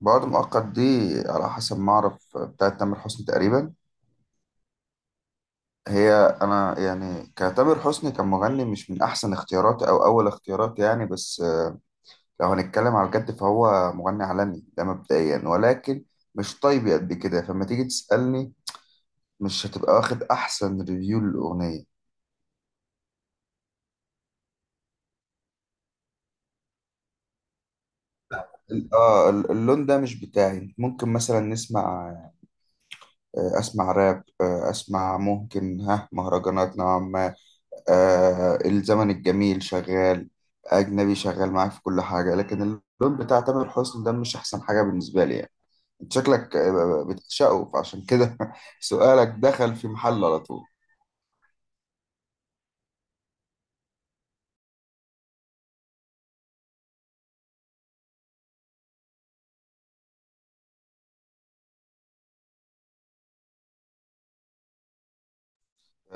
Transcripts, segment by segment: بعد مؤقت دي. على حسب ما أعرف بتاعت تامر حسني تقريبا. هي أنا يعني كتامر حسني كمغني مش من أحسن اختياراتي أو أول اختياراتي يعني، بس لو هنتكلم على الجد فهو مغني عالمي ده مبدئيا، ولكن مش طيب قد كده، فلما تيجي تسألني مش هتبقى واخد أحسن ريفيو للأغنية. اللون ده مش بتاعي. ممكن مثلا نسمع اسمع راب، اسمع ممكن ها مهرجانات نوعا ما. الزمن الجميل شغال، أجنبي شغال معاك في كل حاجة، لكن اللون بتاع تامر حسني ده مش أحسن حاجة بالنسبة لي يعني. أنت شكلك بتعشقه، فعشان كده سؤالك دخل في محل على طول.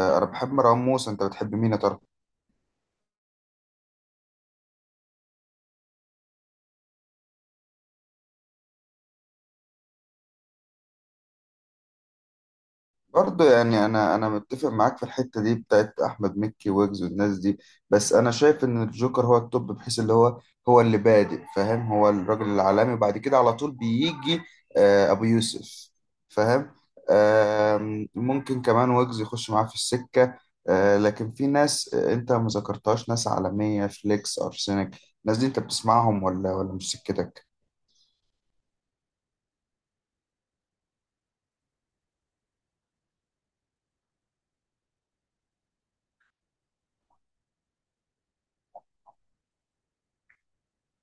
آه أنا بحب مروان موسى، أنت بتحب مين يا ترى؟ برضه يعني انا متفق معاك في الحته دي بتاعت احمد مكي ويجز والناس دي، بس انا شايف ان الجوكر هو التوب، بحيث اللي هو هو اللي بادئ، فاهم؟ هو الراجل العالمي وبعد كده على طول بيجي ابو يوسف، فاهم؟ آم، ممكن كمان ويجز يخش معاه في السكه. لكن في ناس انت ما ذكرتهاش، ناس عالميه، فليكس، ارسنال. الناس دي انت بتسمعهم ولا مش سكتك؟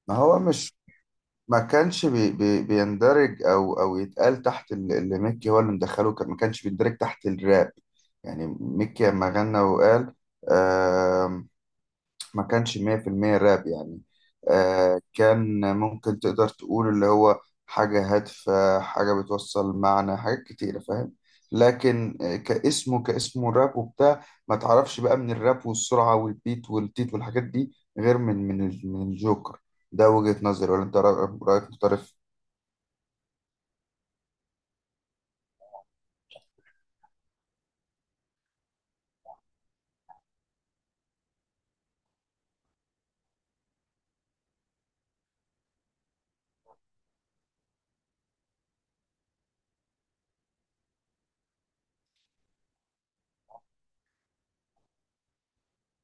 ما هو مش. ما كانش بي بي بيندرج او يتقال تحت اللي ميكي هو اللي مدخله، كان ما كانش بيندرج تحت الراب يعني. ميكي لما غنى وقال، ما كانش 100% راب يعني. آه كان ممكن تقدر تقول اللي هو حاجة هادفة، حاجة بتوصل معنى، حاجات كتيرة، فاهم؟ لكن كاسمه، كاسمه راب وبتاع، ما تعرفش بقى من الراب والسرعة والبيت والتيت والحاجات دي، غير من الجوكر. ده وجهة نظري، ولا انت رأيك مختلف؟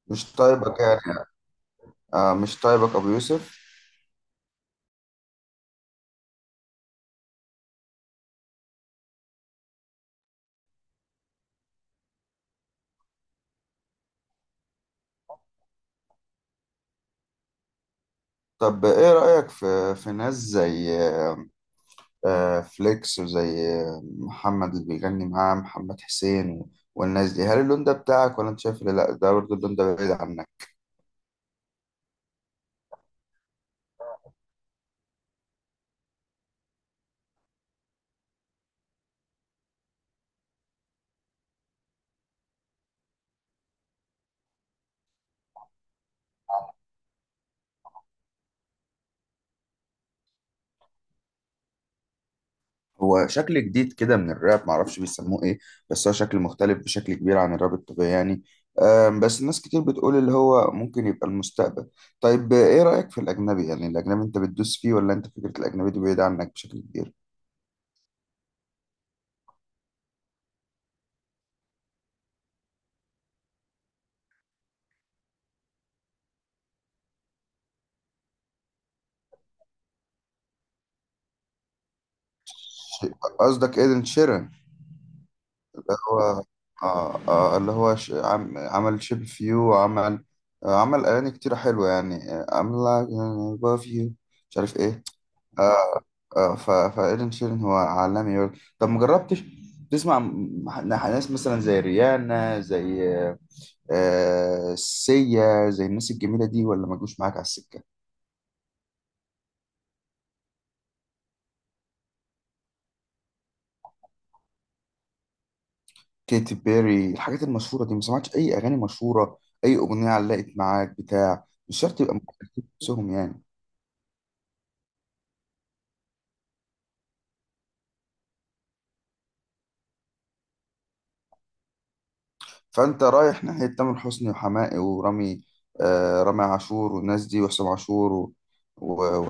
مش طيبك يعني؟ آه مش طيبك أبو يوسف. طب إيه رأيك في ناس زي فليكس، وزي محمد اللي بيغني معاه محمد حسين والناس دي، هل اللون ده بتاعك، ولا انت شايف إن لا ده برضه اللون ده بعيد عنك؟ هو شكل جديد كده من الراب، معرفش بيسموه ايه، بس هو شكل مختلف بشكل كبير عن الراب الطبيعي يعني. آم، بس الناس كتير بتقول اللي هو ممكن يبقى المستقبل. طيب، ايه رأيك في الأجنبي؟ يعني الأجنبي انت بتدوس فيه، ولا انت فكرة الأجنبي دي بعيدة عنك بشكل كبير؟ ش- قصدك ايدن شيران؟ اللي هو آه آه اللي هو عمل شيب اوف يو، وعمل آه عمل أغاني كتيرة حلوة يعني، I'm like I love you، مش عارف ايه. آه فإيدن شيرين هو عالمي برضه. طب مجربتش تسمع ناس مثلا زي ريانا، زي آه سيا، زي الناس الجميلة دي، ولا ما جوش معاك على السكة؟ كيتي بيري الحاجات المشهورة دي ما سمعتش أي أغاني مشهورة؟ أي أغنية علقت معاك بتاع، مش شرط يبقى مؤلفين نفسهم يعني. فانت رايح ناحيه تامر حسني وحماقي ورامي، آه رامي عاشور والناس دي، وحسام عاشور و... و... و...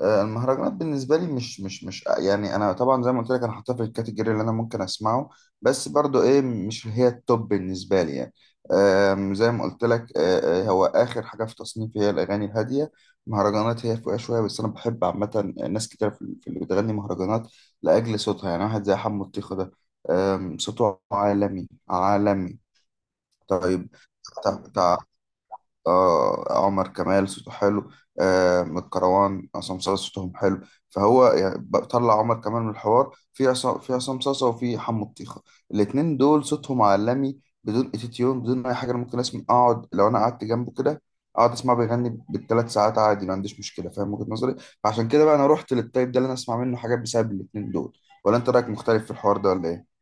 آه المهرجانات بالنسبه لي مش يعني، انا طبعا زي ما قلت لك انا حاطها في الكاتيجوري اللي انا ممكن اسمعه، بس برضو ايه مش هي التوب بالنسبه لي يعني. آم، زي ما قلت لك، هو اخر حاجه في تصنيفي هي الاغاني الهاديه، مهرجانات هي فوقها شويه، بس انا بحب عامه ناس كتير في اللي بتغني مهرجانات لاجل صوتها يعني. واحد زي حمو الطيخه ده، آم، صوته عالمي عالمي. طيب، بتاع آه عمر كمال صوته حلو، آه من الكروان عصام صاصا صوتهم حلو. فهو يعني بطلع عمر كمال من الحوار، في عصام، في عصام صاصا، وفي حمو الطيخة. الاتنين دول صوتهم عالمي بدون اتيتيون، بدون اي حاجة. انا ممكن اسمع، اقعد لو انا قعدت جنبه كده اقعد اسمع بيغني بالثلاث ساعات عادي، ما عنديش مشكلة، فاهم وجهة نظري؟ فعشان كده بقى انا رحت للتايب ده اللي انا اسمع منه حاجات بسبب الاتنين دول. ولا انت رايك مختلف في الحوار ده ولا ايه؟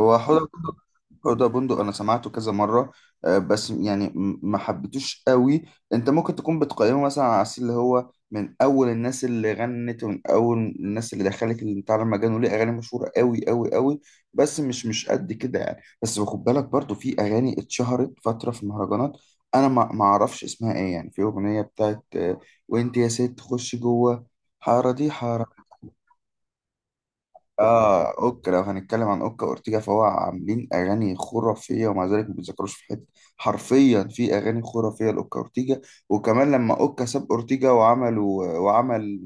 هو حوض بندق، حوض بندق انا سمعته كذا مره، بس يعني ما حبيتوش قوي. انت ممكن تكون بتقيمه مثلا على اساس اللي هو من اول الناس اللي غنت، ومن اول الناس اللي دخلت اللي بتاع المجال، وليه اغاني مشهوره قوي قوي قوي، بس مش مش قد كده يعني. بس خد بالك برضو في اغاني اتشهرت فتره في المهرجانات انا ما اعرفش اسمها ايه يعني. في اغنيه بتاعت وانت يا ست خش جوه، حاره دي حاره. اه اوكا، لو هنتكلم عن اوكا اورتيجا فهو عاملين اغاني خرافيه، ومع ذلك ما بيتذكروش في حته. حرفيا في اغاني خرافيه لاوكا اورتيجا. وكمان لما اوكا ساب اورتيجا، وعمل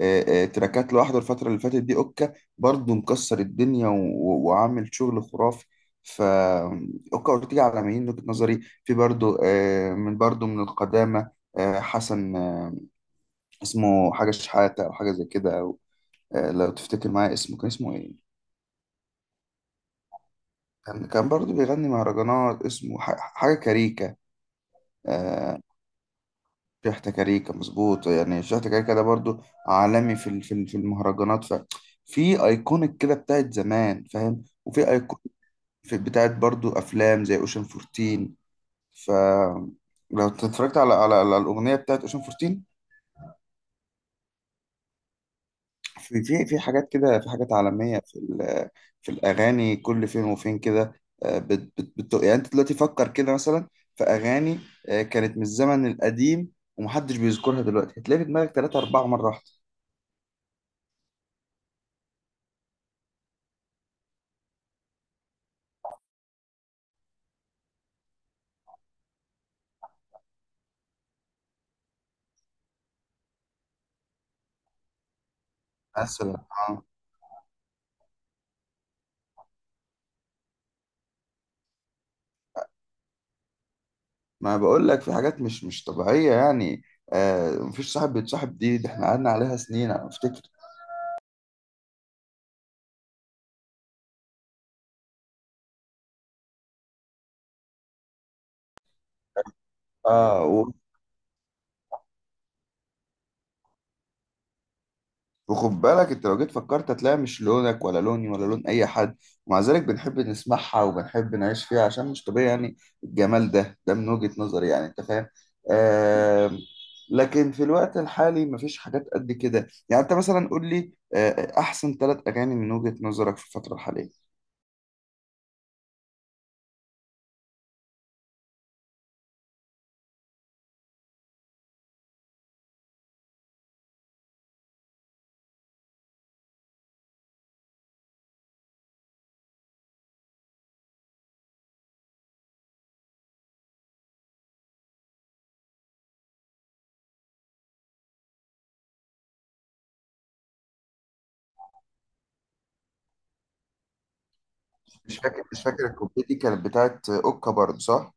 تراكات لوحده الفتره اللي فاتت دي، اوكا برضه مكسر الدنيا وعامل شغل خرافي. ف اوكا اورتيجا عالميين من وجهه نظري. في برضه من برضه من القدامى، حسن اسمه حاجه شحاته او حاجه زي كده أو، آه، لو تفتكر معايا اسمه كان اسمه ايه؟ كان كان برضه بيغني مهرجانات اسمه حاجة كاريكا، آه. شحتة كاريكا، مظبوط. يعني شحتة كاريكا ده برضه عالمي في المهرجانات. ففي ايكونيك كده بتاعت زمان، فاهم؟ وفي ايكونيك في بتاعت برضه افلام زي اوشن 14. ف لو اتفرجت على الاغنية بتاعت اوشن 14، في حاجات كده، في حاجات عالمية، في في الأغاني كل فين وفين كده. آه، بت بت بت يعني أنت دلوقتي فكر كده مثلا، في أغاني كانت من الزمن القديم ومحدش بيذكرها دلوقتي، هتلاقي في دماغك تلاتة أربعة مرة واحدة. مثلا آه. ما بقول لك في حاجات مش مش طبيعية يعني. مفيش صاحب بيتصاحب دي، ده احنا قعدنا عليها سنين أنا أفتكر. اه. وخد بالك انت لو جيت فكرت هتلاقي مش لونك ولا لوني ولا لون اي حد، ومع ذلك بنحب نسمعها وبنحب نعيش فيها، عشان مش طبيعي يعني. الجمال ده ده من وجهة نظري يعني، انت فاهم؟ آم، لكن في الوقت الحالي مفيش حاجات قد كده يعني. انت مثلا قول لي احسن 3 اغاني من وجهة نظرك في الفترة الحالية. مش فاكر الكوبليه دي كانت بتاعت اوكا برضه، صح؟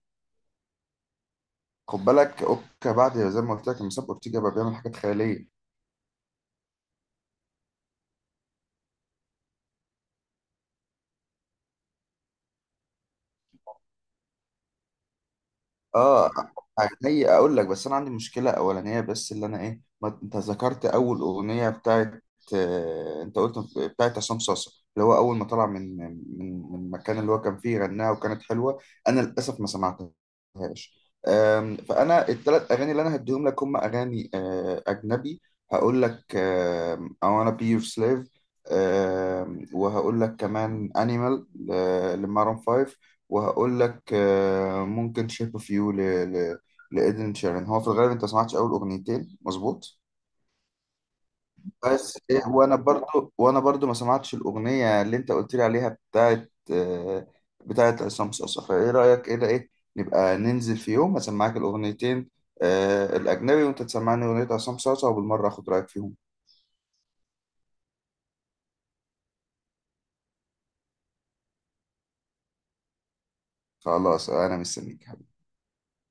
خد بالك اوكا بعد زي ما قلت لك لما ساب اورتيجا بقى بيعمل حاجات خيالية. اه. عينيا اقول لك، بس انا عندي مشكله اولانيه بس، اللي انا ايه، ما انت ذكرت اول اغنيه بتاعت انت قلت بتاعت عصام صاصا اللي هو اول ما طلع من المكان اللي هو كان فيه غناها وكانت حلوه، انا للاسف ما سمعتهاش. آم، فانا الثلاث اغاني اللي انا هديهم لك هم اغاني اجنبي. هقول لك آم، I wanna be your slave، آم، وهقول لك كمان animal لمارون 5، وهقول لك ممكن شيب اوف يو ل... لإيدن شيران. هو في الغالب انت ما سمعتش اول اغنيتين، مظبوط؟ بس إيه، وانا برضو ما سمعتش الاغنيه اللي انت قلت لي عليها بتاعت بتاعت عصام صاصا، فايه رايك، ايه ده ايه، نبقى ننزل في يوم اسمعك الاغنيتين الاجنبي، وانت تسمعني اغنيه عصام صاصا، وبالمره اخد رايك فيهم؟ خلاص، انا مستنيك.